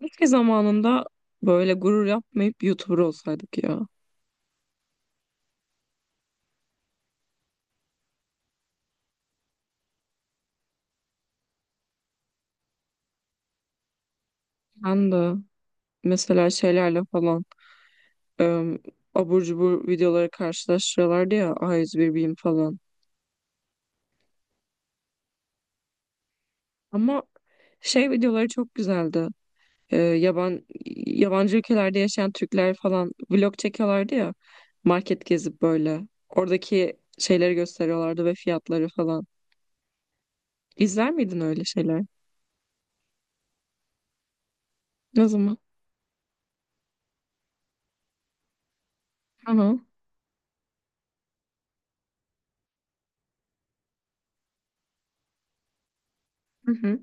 Keşke zamanında böyle gurur yapmayıp YouTuber olsaydık ya. Ben de mesela şeylerle falan e, abur cubur videoları karşılaştırıyorlardı ya A101 Beam falan. Ama şey videoları çok güzeldi. E, yaban, Yabancı ülkelerde yaşayan Türkler falan vlog çekiyorlardı ya. Market gezip böyle. Oradaki şeyleri gösteriyorlardı ve fiyatları falan. İzler miydin öyle şeyler? Ne zaman? Aha. Hı hı.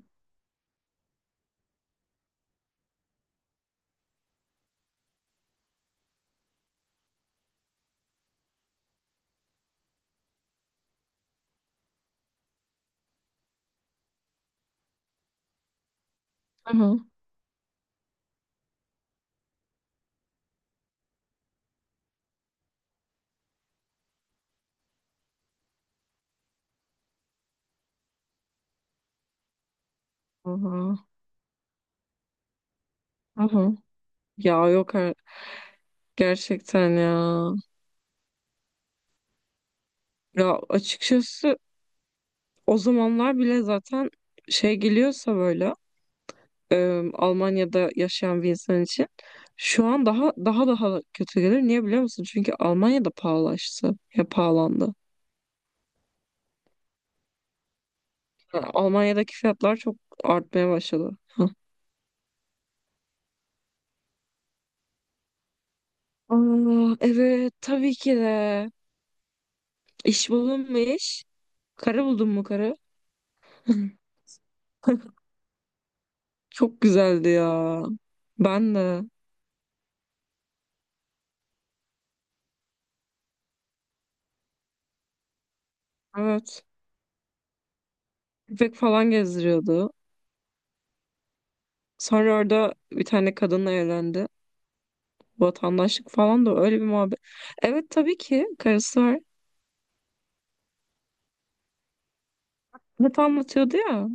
Aha. Aha. Aha. Ya yok. Gerçekten ya. Ya açıkçası o zamanlar bile zaten şey geliyorsa böyle Almanya'da yaşayan bir insan için şu an daha daha daha kötü gelir. Niye biliyor musun? Çünkü Almanya'da pahalaştı. Ya pahalandı. Yani Almanya'daki fiyatlar çok artmaya başladı. Aa, evet tabii ki de. İş buldun mu iş? Karı buldun mu karı? Çok güzeldi ya. Ben de. Evet. Köpek falan gezdiriyordu. Sonra orada bir tane kadınla evlendi. Vatandaşlık falan da öyle bir muhabbet. Evet tabii ki karısı var. Hep anlatıyordu ya.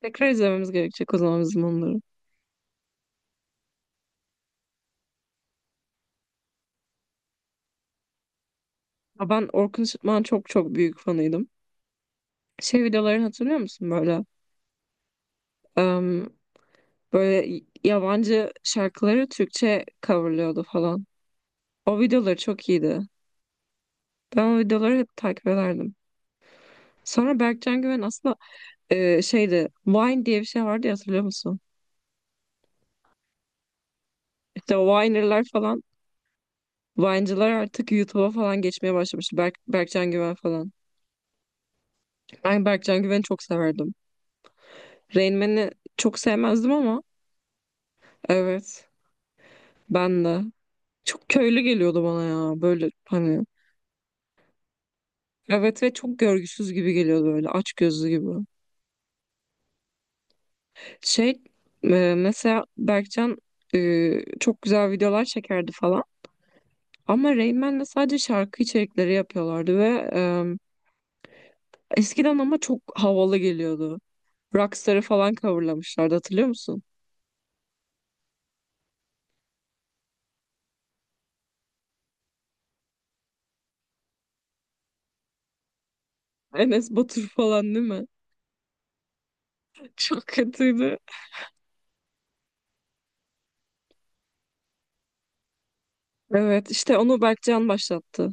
Tekrar izlememiz gerekecek o zaman bizim onları. Ya ben Orkun Işıtmak'ın çok çok büyük fanıydım. Şey videolarını hatırlıyor musun böyle? Em, Böyle yabancı şarkıları Türkçe coverlıyordu falan. O videoları çok iyiydi. Ben o videoları hep takip ederdim. Sonra Berkcan Güven aslında şeydi, Vine diye bir şey vardı ya, hatırlıyor musun? İşte o Viner'lar falan, Vine'cılar artık YouTube'a falan geçmeye başlamış. Berkcan Güven falan. Ben Berkcan Güven'i çok severdim. Rain Man'i çok sevmezdim ama evet, ben de. Çok köylü geliyordu bana ya, böyle hani. Evet, ve çok görgüsüz gibi geliyordu böyle, aç gözlü gibi. Şey Mesela Berkcan e, çok güzel videolar çekerdi falan. Ama Rain Man'le sadece şarkı içerikleri yapıyorlardı ve eskiden ama çok havalı geliyordu. Rockstar'ı falan coverlamışlardı, hatırlıyor musun? Enes Batur falan değil mi? Çok kötüydü. Evet, işte onu Berkcan başlattı.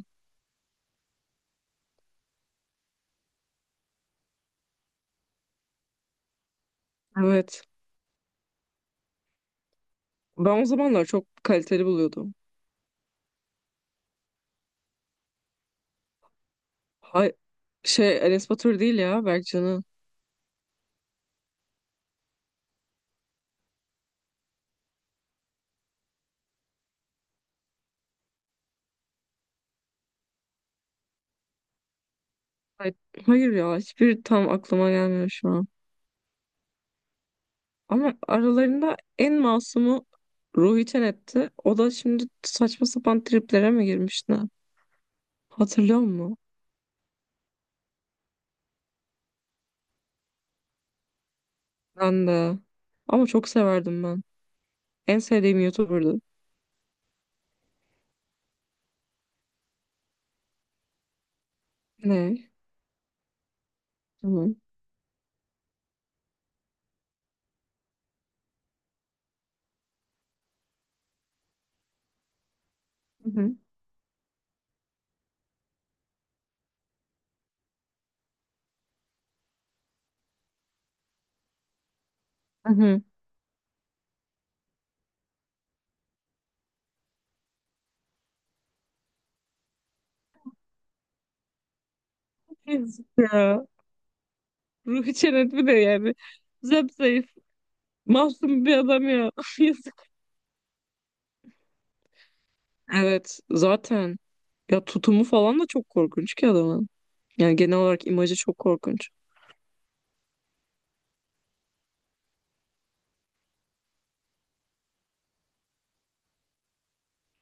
Evet. Ben o zamanlar çok kaliteli buluyordum. Hay şey, Enes Batur değil ya, Berkcan'ı. Hay- Hayır ya, hiçbir tam aklıma gelmiyor şu an. Ama aralarında en masumu Ruhi Çenet'ti. O da şimdi saçma sapan triplere mi girmişti? Hatırlıyor musun? Ben de. Ama çok severdim ben. En sevdiğim YouTuber'dı. Ne? Tamam. Hı hı. Hı hı. Yazık ya. Ruhi Çenet bir de yani. Zayıf, masum bir adam ya. Yazık. Evet zaten. Ya tutumu falan da çok korkunç ki adamın. Yani genel olarak imajı çok korkunç.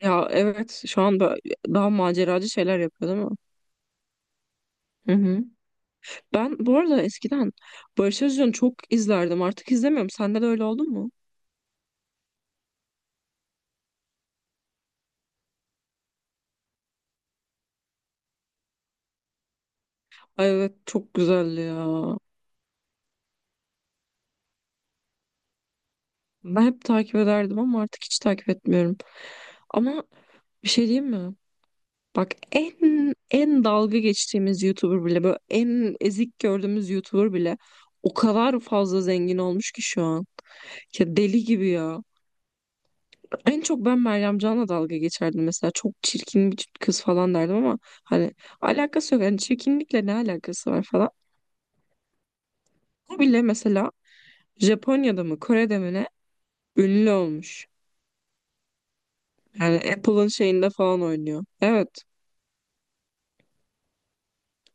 Ya evet, şu an daha maceracı şeyler yapıyor değil mi? Hı hı. Ben bu arada eskiden Barış Özcan'ı çok izlerdim. Artık izlemiyorum. Sende de öyle oldu mu? Ay evet, çok güzeldi ya. Ben hep takip ederdim ama artık hiç takip etmiyorum. Ama bir şey diyeyim mi? Bak, en en dalga geçtiğimiz YouTuber bile, böyle en ezik gördüğümüz YouTuber bile o kadar fazla zengin olmuş ki şu an. Ya deli gibi ya. En çok ben Meryem Can'la dalga geçerdim mesela. Çok çirkin bir kız falan derdim ama hani alakası yok. Yani çirkinlikle ne alakası var falan. O bile mesela Japonya'da mı, Kore'de mi, ne, ünlü olmuş. Yani Apple'ın şeyinde falan oynuyor. Evet.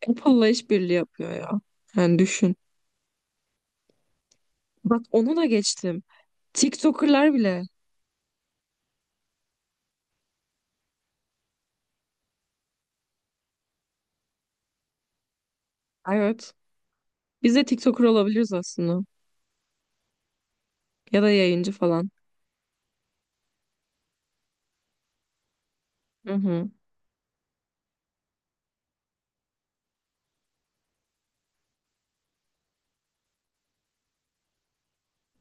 Apple'la işbirliği yapıyor ya. Yani düşün. Bak, onu da geçtim. TikToker'lar bile. Evet. Biz de TikToker olabiliriz aslında. Ya da yayıncı falan. Hı hı.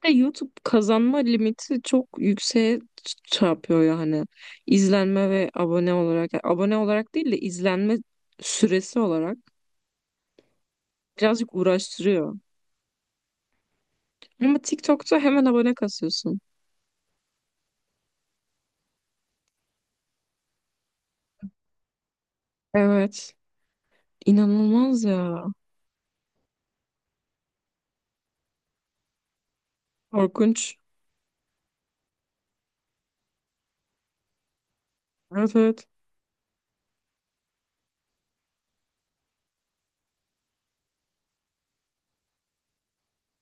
De YouTube kazanma limiti çok yükseğe çarpıyor yani. İzlenme ve abone olarak. Yani abone olarak değil de izlenme süresi olarak birazcık uğraştırıyor. Ama TikTok'ta hemen abone kasıyorsun. Evet. İnanılmaz ya. Korkunç. Evet evet.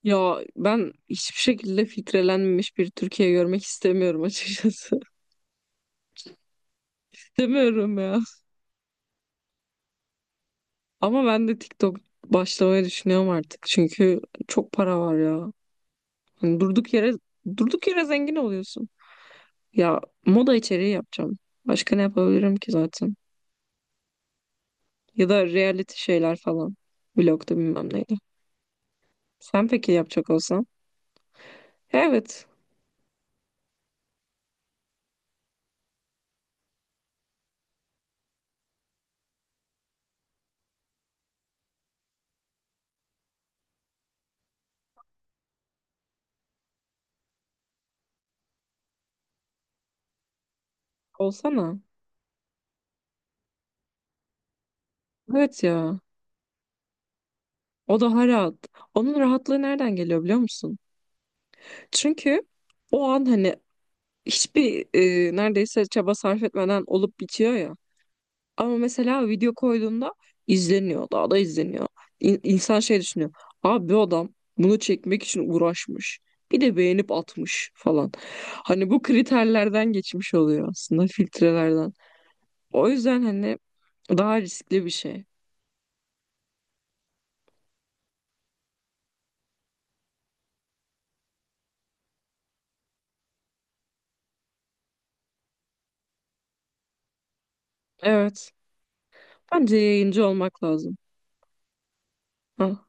Ya ben hiçbir şekilde filtrelenmemiş bir Türkiye görmek istemiyorum açıkçası. İstemiyorum ya. Ama ben de TikTok başlamayı düşünüyorum artık. Çünkü çok para var ya. Hani durduk yere, durduk yere zengin oluyorsun. Ya moda içeriği yapacağım. Başka ne yapabilirim ki zaten? Ya da reality şeyler falan. Vlog'da bilmem neydi. Sen peki yapacak olsan? Evet. Olsana. Evet ya. O daha rahat. Onun rahatlığı nereden geliyor biliyor musun? Çünkü o an hani hiçbir neredeyse çaba sarf etmeden olup bitiyor ya. Ama mesela video koyduğunda izleniyor. Daha da izleniyor. İnsan şey düşünüyor. Abi bu adam bunu çekmek için uğraşmış. Bir de beğenip atmış falan. Hani bu kriterlerden geçmiş oluyor aslında, filtrelerden. O yüzden hani daha riskli bir şey. Evet. Bence yayıncı olmak lazım. Ha.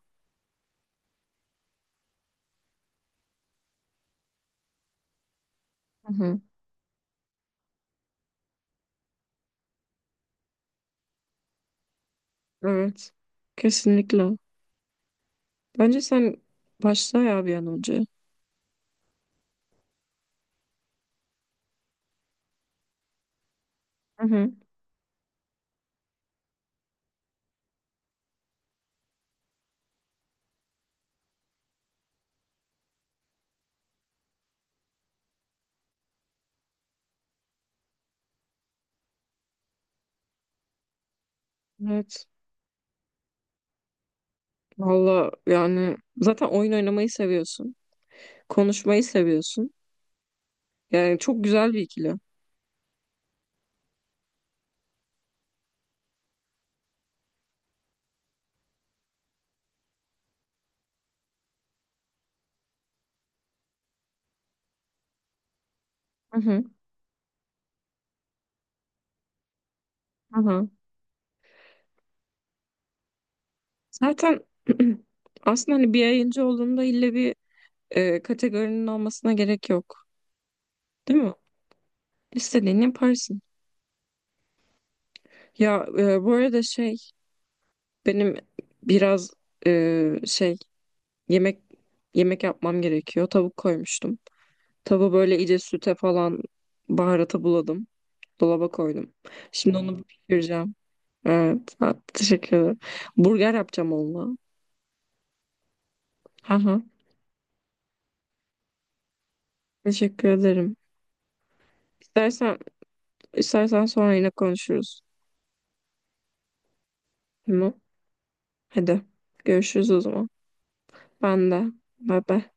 Hı hı. Evet. Kesinlikle. Bence sen başla ya bir an önce. Hı hı. Evet. Valla yani zaten oyun oynamayı seviyorsun. Konuşmayı seviyorsun. Yani çok güzel bir ikili. Hı hı. Hı hı. Zaten aslında hani bir yayıncı olduğunda ille bir kategorinin olmasına gerek yok. Değil mi? İstediğini yaparsın. Ya bu arada şey, benim biraz e, şey yemek yemek yapmam gerekiyor. Tavuk koymuştum. Tavuğu böyle iyice süte falan, baharata buladım. Dolaba koydum. Şimdi onu bir pişireceğim. Evet. Ha, teşekkür ederim. Burger yapacağım onunla. Aha, teşekkür ederim. İstersen İstersen sonra yine konuşuruz. Tamam. Hadi. Görüşürüz o zaman. Ben de. Bay bay.